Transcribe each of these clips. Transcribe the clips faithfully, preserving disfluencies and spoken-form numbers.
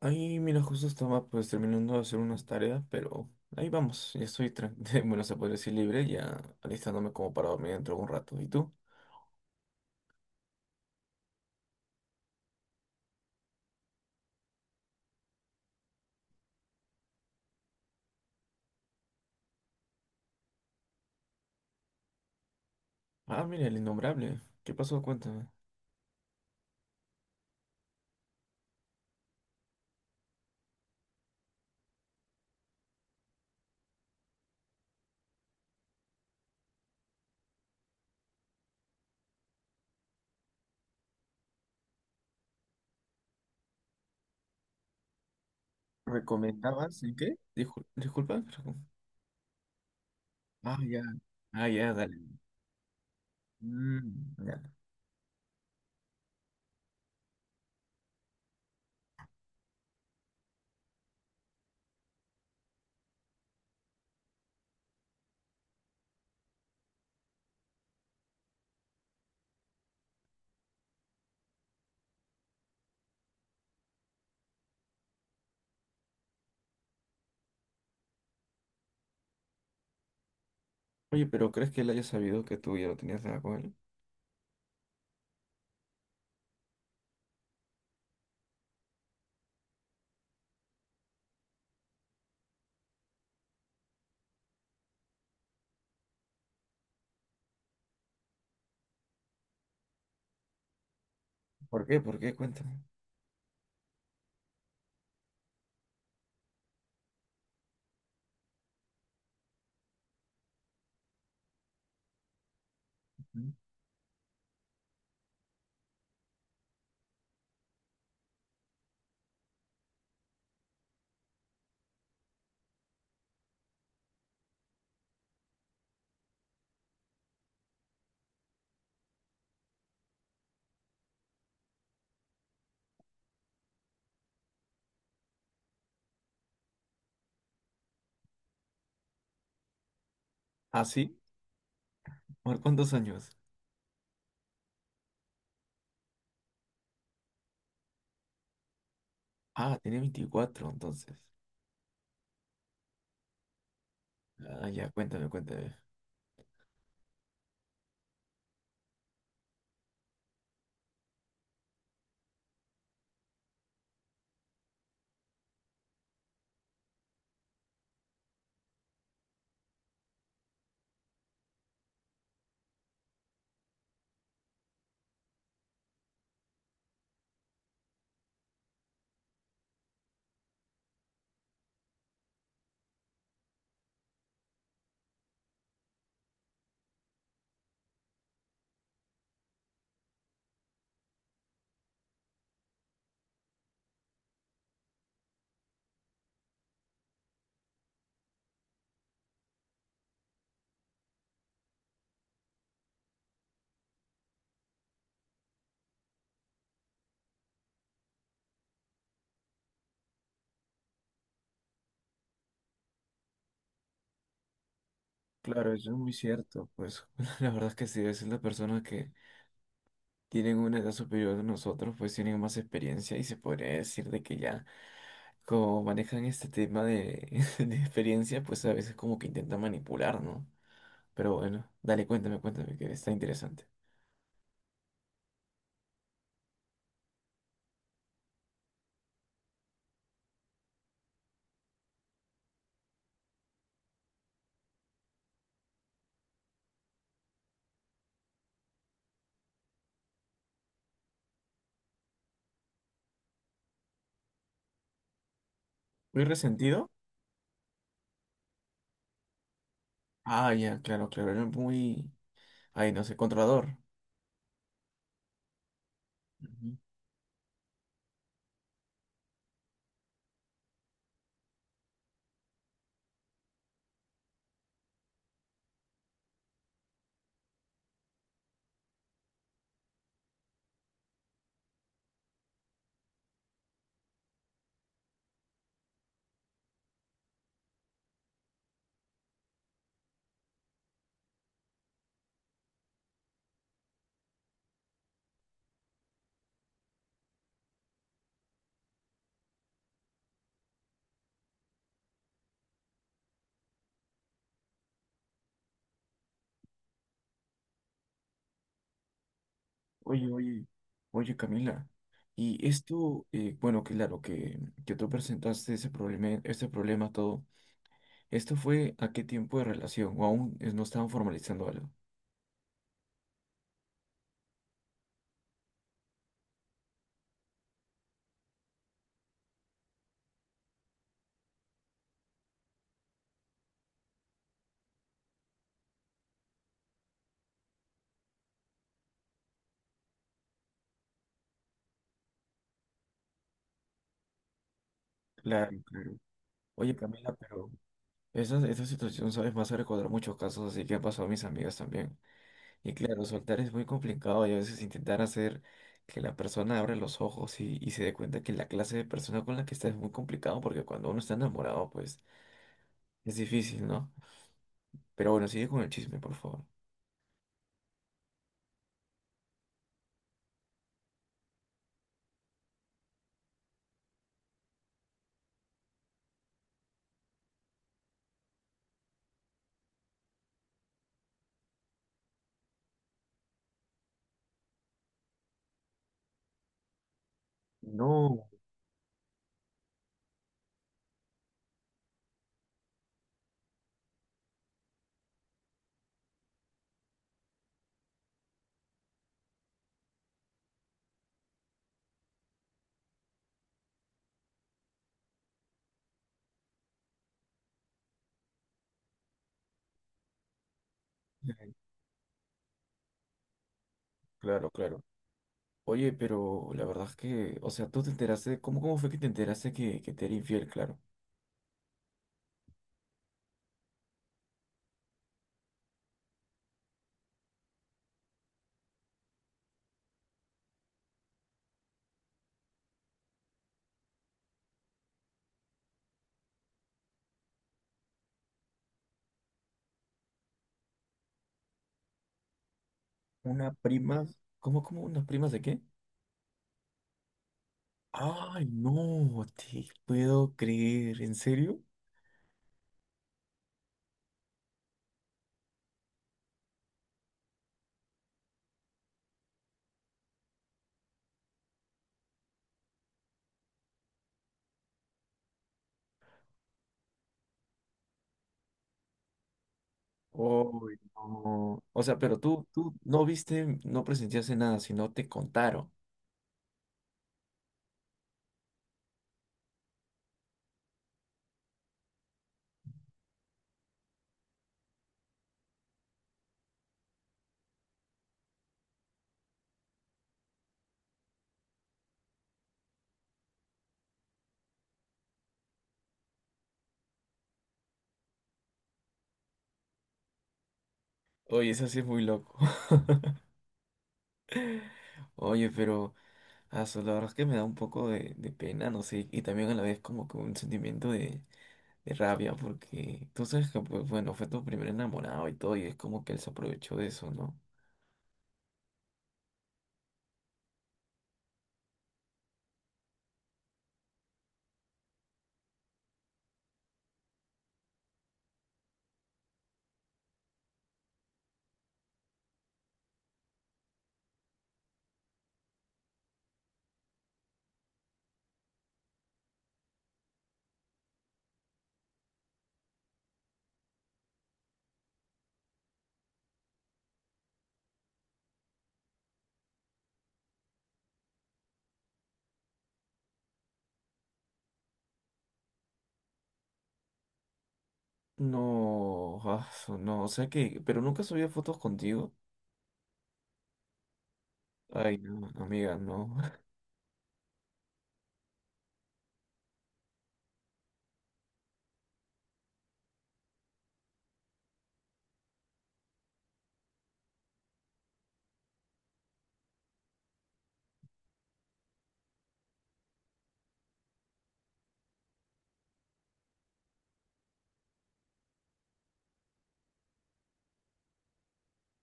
Ahí, mira, justo estaba pues terminando de hacer unas tareas, pero ahí vamos, ya estoy, tran- bueno, se podría decir libre, ya alistándome como para dormir dentro de un rato. ¿Y tú? Ah, mira, el innombrable. ¿Qué pasó? Cuéntame. ¿Recomendabas en qué? Discul- disculpa, pero... Ah, ya. Ah, ya, dale. Mm, ya. Oye, pero ¿crees que él haya sabido que tú ya lo tenías nada con él? ¿Por qué? ¿Por qué? Cuéntame. Ujú. ¿Ah, sí? ¿Por cuántos años? Ah, tenía veinticuatro entonces. Ah, ya, cuéntame, cuéntame. Claro, eso es muy cierto. Pues la verdad es que sí, a veces las personas que tienen una edad superior a nosotros, pues tienen más experiencia y se podría decir de que ya, como manejan este tema de, de experiencia, pues a veces como que intentan manipular, ¿no? Pero bueno, dale, cuéntame, cuéntame, que está interesante. ¿Muy resentido? Ah, ya, claro, claro, era muy, ay, no sé, controlador. Ujú. Oye, oye, oye, Camila. Y esto, eh, bueno, claro, que, que tú presentaste ese problema, ese problema todo. ¿Esto fue a qué tiempo de relación? ¿O aún es- no estaban formalizando algo? Claro, claro. Oye, Camila, pero esa, esa situación, ¿sabes? Me hace recordar muchos casos así que han pasado a mis amigas también. Y claro, soltar es muy complicado y a veces intentar hacer que la persona abra los ojos y, y se dé cuenta que la clase de persona con la que está es muy complicado porque cuando uno está enamorado, pues es difícil, ¿no? Pero bueno, sigue con el chisme, por favor. No. Claro, claro. Oye, pero la verdad es que, o sea, tú te enteraste, ¿cómo, cómo fue que te enteraste que, que te era infiel, claro? Una prima, ¿cómo, cómo, unas primas de qué? Ay, no, te puedo creer, ¿en serio? Uy, no. O sea, pero tú, tú no viste, no presenciaste nada, sino te contaron. Oye, eso sí es muy loco. Oye, pero, aso, la verdad es que me da un poco de, de pena, no sé, y también a la vez como que un sentimiento de, de rabia porque tú sabes que, pues bueno, fue tu primer enamorado y todo, y es como que él se aprovechó de eso, ¿no? No, ah, su- no, o sea que, pero nunca subía fotos contigo. Ay, no, amiga, no.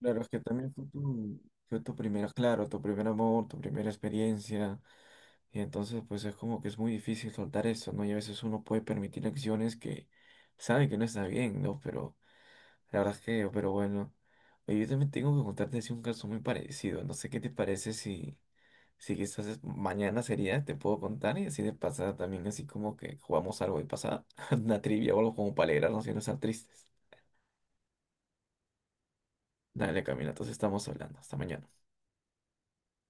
Claro, es que también fue tu, fue tu primera, claro, tu primer amor, tu primera experiencia, y entonces pues es como que es muy difícil soltar eso, ¿no? Y a veces uno puede permitir acciones que sabe que no está bien, ¿no? Pero la verdad es que, pero bueno. Oye, yo también tengo que contarte así un caso muy parecido. No sé qué te parece si, si quizás es- mañana sería, te puedo contar y así de pasada también, así como que jugamos algo de pasada, una trivia o algo como para alegrarnos y no estar tristes. Dale, Camila, entonces estamos hablando. Hasta mañana.